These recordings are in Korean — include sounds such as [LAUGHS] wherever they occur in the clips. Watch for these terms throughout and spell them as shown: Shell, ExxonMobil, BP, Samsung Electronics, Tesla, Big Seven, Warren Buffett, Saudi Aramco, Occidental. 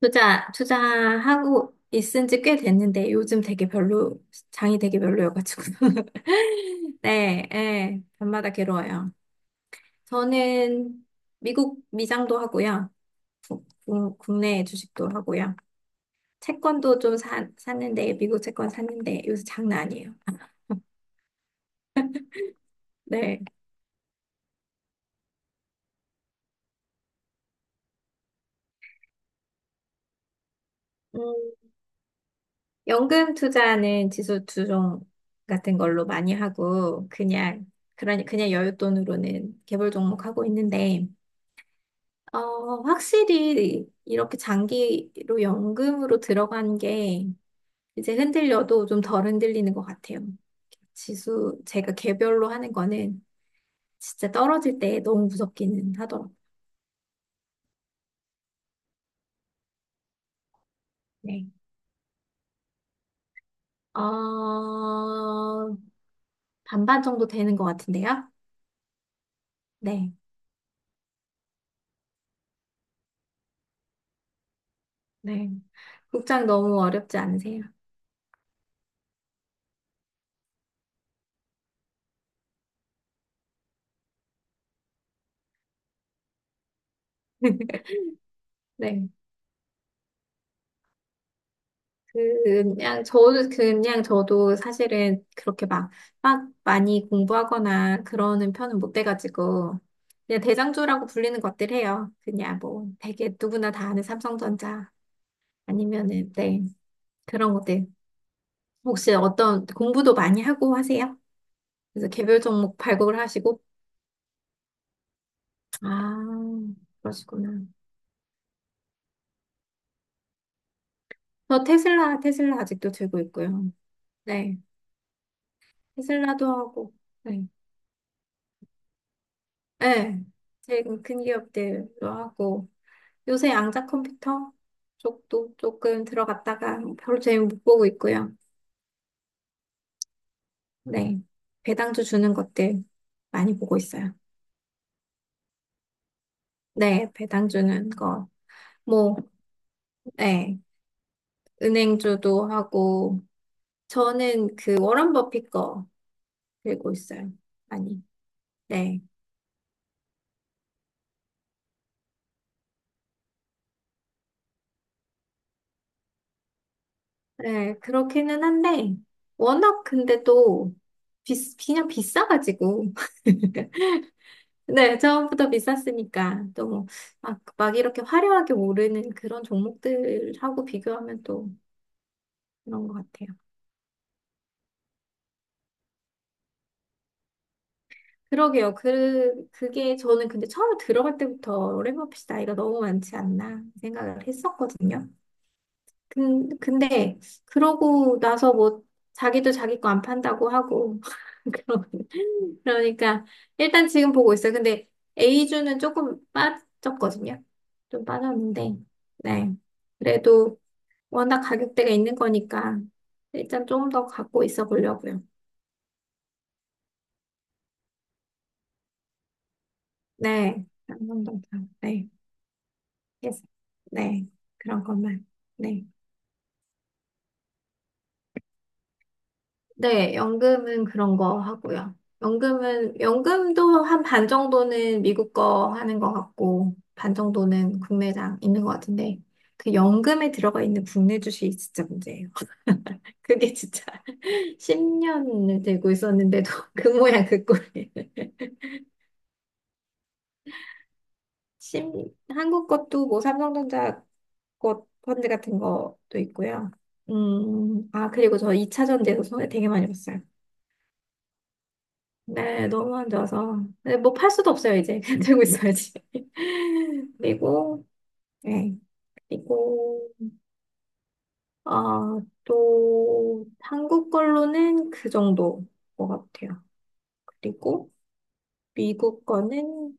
투자하고 있은 지 꽤 됐는데 요즘 되게 별로, 장이 되게 별로여가지고. [LAUGHS] 네, 예, 밤마다 괴로워요. 저는 미국 미장도 하고요. 국내 주식도 하고요. 채권도 좀 샀는데, 미국 채권 샀는데 요새 장난 아니에요. [LAUGHS] 네. 음, 연금 투자는 지수 투종 같은 걸로 많이 하고, 그냥, 그냥 여윳돈으로는 개별 종목 하고 있는데, 어, 확실히 이렇게 장기로 연금으로 들어간 게 이제 흔들려도 좀 덜 흔들리는 것 같아요. 지수, 제가 개별로 하는 거는 진짜 떨어질 때 너무 무섭기는 하더라고요. 네. 어, 반반 정도 되는 것 같은데요? 네. 네. 국장 너무 어렵지 않으세요? 네. 그냥 저도 그냥 저도 사실은 그렇게 막 많이 공부하거나 그러는 편은 못 돼가지고 그냥 대장주라고 불리는 것들 해요. 그냥 뭐 되게 누구나 다 아는 삼성전자 아니면은 네 그런 것들 혹시 어떤 공부도 많이 하고 하세요? 그래서 개별 종목 발굴을 하시고 아 그러시구나. 저 테슬라 아직도 들고 있고요. 네 테슬라도 하고 네 네. 최근 큰 기업들도 하고. 요새 양자 컴퓨터 쪽도 조금 들어갔다가 별로 재미 못 보고 있고요. 네. 배당주 주는 것들 많이 보고 있어요. 네, 배당 주는 거. 뭐, 네. 은행주도 하고, 저는 그 워런 버핏 거 들고 있어요. 많이. 네. 네, 그렇기는 한데, 워낙 근데 또, 비, 그냥 비싸가지고. [LAUGHS] 네, 처음부터 비쌌으니까 또 뭐, 막, 막 이렇게 화려하게 오르는 그런 종목들하고 비교하면 또 그런 것 같아요. 그러게요. 그, 그게 저는 근데 처음에 들어갈 때부터 랩머핏이 나이가 너무 많지 않나 생각을 했었거든요. 근데 그러고 나서 뭐 자기도 자기 거 안 판다고 하고 [LAUGHS] 그러- 그러니까 일단 지금 보고 있어요. 근데 A주는 조금 빠졌거든요. 좀 빠졌는데 네. 그래도 워낙 가격대가 있는 거니까 일단 좀 더 갖고 있어 보려고요. 네, 한번더 네, yes. 네, 그런 것만. 네, 네, 연금은 그런 거 하고요. 연금은 연금도 한 반 정도는 미국 거 하는 것 같고 반 정도는 국내장 있는 것 같은데 그 연금에 들어가 있는 국내 주식이 진짜 문제예요. [LAUGHS] 그게 진짜 [LAUGHS] 10년을 들고 있었는데도 [LAUGHS] 그 모양 그 꼴. 심, 한국 것도 뭐 삼성전자 것 펀드 같은 것도 있고요. 아, 그리고 저 2차전 돼서 손에 되게 많이 봤어요. 네, 너무 안 좋아서. 네, 뭐 팔 수도 없어요, 이제. [LAUGHS] 들고 있어야지. [LAUGHS] 그리고, 네. 그리고, 어, 또, 한국 걸로는 그 정도 것 같아요. 그리고, 미국 거는,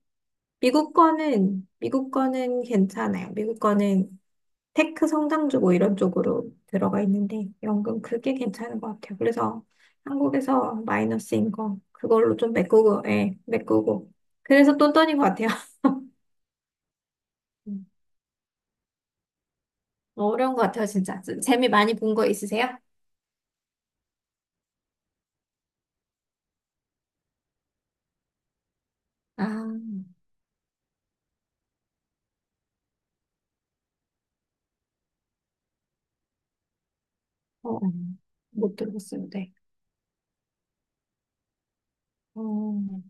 미국 거는 괜찮아요. 미국 거는 테크 성장주고 이런 쪽으로 들어가 있는데 연금 그게 괜찮은 것 같아요. 그래서 한국에서 마이너스인 거 그걸로 좀 메꾸고, 예, 메꾸고. 그래서 똔똔인 것 같아요. [LAUGHS] 음, 어려운 것 같아요, 진짜. 좀 재미 많이 본 거 있으세요? 아, 어, 어, 못 들어봤어요. 네. 어,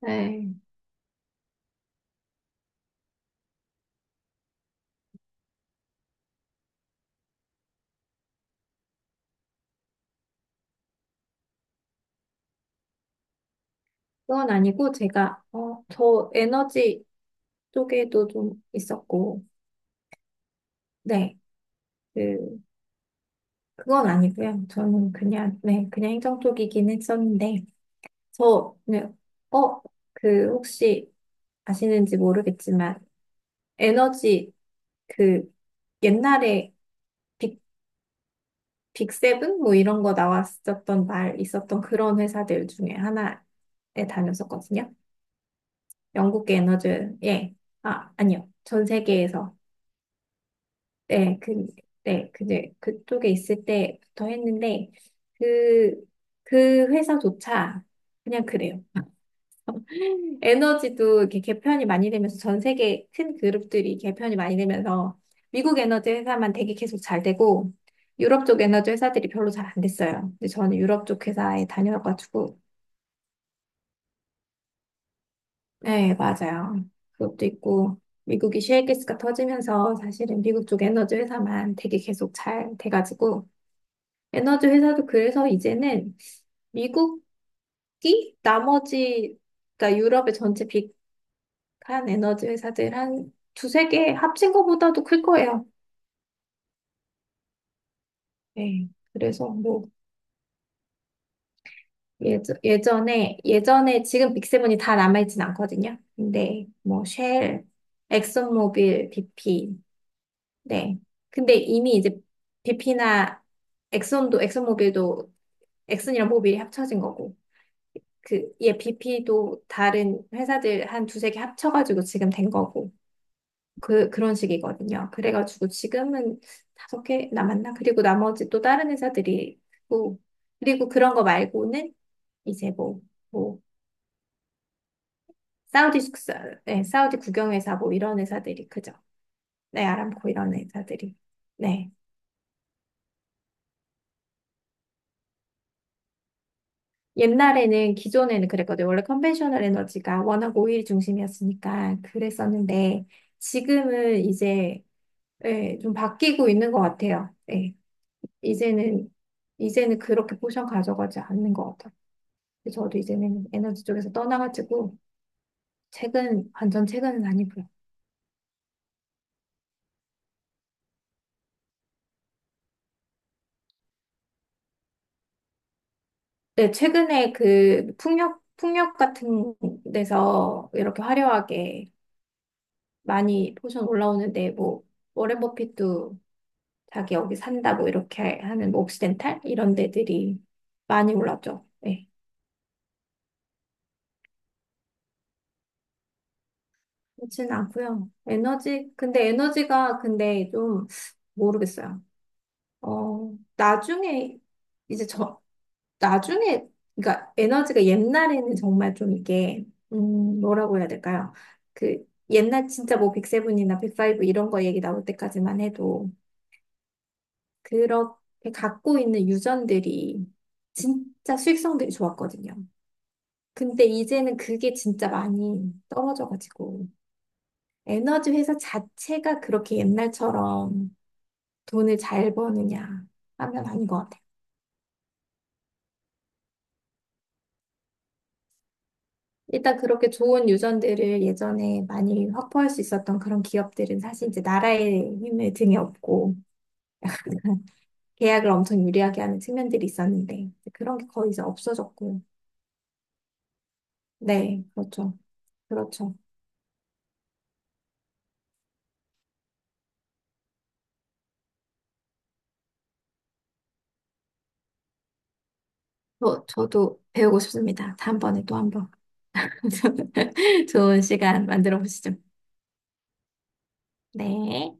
네. 그건 아니고 제가 어, 저 에너지 쪽에도 좀 있었고, 네. 그, 그건 아니고요. 저는 그냥, 네, 그냥 행정 쪽이긴 했었는데, 저, 네. 어, 그, 혹시 아시는지 모르겠지만, 에너지, 그, 옛날에 빅, 빅세븐? 뭐 이런 거 나왔었던 말, 있었던 그런 회사들 중에 하나에 다녔었거든요. 영국의 에너지, 예. 아, 아니요. 전 세계에서. 네, 그, 네, 그제 그쪽에 있을 때부터 했는데, 그, 그 회사조차 그냥 그래요. 에너지도 이렇게 개편이 많이 되면서 전 세계 큰 그룹들이 개편이 많이 되면서 미국 에너지 회사만 되게 계속 잘 되고 유럽 쪽 에너지 회사들이 별로 잘 안 됐어요. 근데 저는 유럽 쪽 회사에 다녀가지고 네, 맞아요. 그것도 있고 미국이 셰일가스가 터지면서 사실은 미국 쪽 에너지 회사만 되게 계속 잘 돼가지고 에너지 회사도 그래서 이제는 미국 이 나머지 그러니까 유럽의 전체 빅 한 에너지 회사들 한 두세 개 합친 것보다도 클 거예요. 네. 그래서 뭐 예전, 예전에 지금 빅세븐이 다 남아있진 않거든요. 근데 뭐 쉘, 엑슨모빌, BP 네. 근데 이미 이제 BP나 엑슨도 엑슨모빌도 엑슨이랑 모빌이 합쳐진 거고 그 예, BP도 다른 회사들 한 두세 개 합쳐가지고 지금 된 거고 그, 그런 식이거든요. 그래가지고 지금은 다섯 개 남았나? 그리고 나머지 또 다른 회사들이 있고, 그리고 그런 거 말고는 이제 뭐, 뭐, 사우디 숙사, 네, 사우디 국영회사 뭐 이런 회사들이, 그죠? 네, 아람코 이런 회사들이. 네. 옛날에는, 기존에는 그랬거든요. 원래 컨벤셔널 에너지가 워낙 오일 중심이었으니까 그랬었는데, 지금은 이제, 예, 좀 바뀌고 있는 것 같아요. 예. 이제는 그렇게 포션 가져가지 않는 것 같아요. 저도 이제는 에너지 쪽에서 떠나가지고 책은 완전 최근은 아니고요. 네, 최근에 그 풍력 같은 데서 이렇게 화려하게 많이 포션 올라오는데 뭐 워렌 버핏도 자기 여기 산다고 이렇게 하는 뭐 옥시덴탈 이런 데들이 많이 올랐죠. 네, 그렇진 않고요. 에너지 근데 에너지가 근데 좀 모르겠어요. 어 나중에 이제 저 나중에, 그러니까 에너지가 옛날에는 정말 좀 이게, 뭐라고 해야 될까요? 그, 옛날 진짜 뭐 백세븐이나 백파이브 이런 거 얘기 나올 때까지만 해도 그렇게 갖고 있는 유전들이 진짜 수익성들이 좋았거든요. 근데 이제는 그게 진짜 많이 떨어져가지고 에너지 회사 자체가 그렇게 옛날처럼 돈을 잘 버느냐 하면 아닌 것 같아요. 일단 그렇게 좋은 유전들을 예전에 많이 확보할 수 있었던 그런 기업들은 사실 이제 나라의 힘을 등에 업고 [LAUGHS] 계약을 엄청 유리하게 하는 측면들이 있었는데 이제 그런 게 거의 이제 없어졌고. 네, 그렇죠. 그렇죠. 저도 배우고 싶습니다. 다음번에 또 한번 [LAUGHS] 좋은 시간 만들어 보시죠. 네.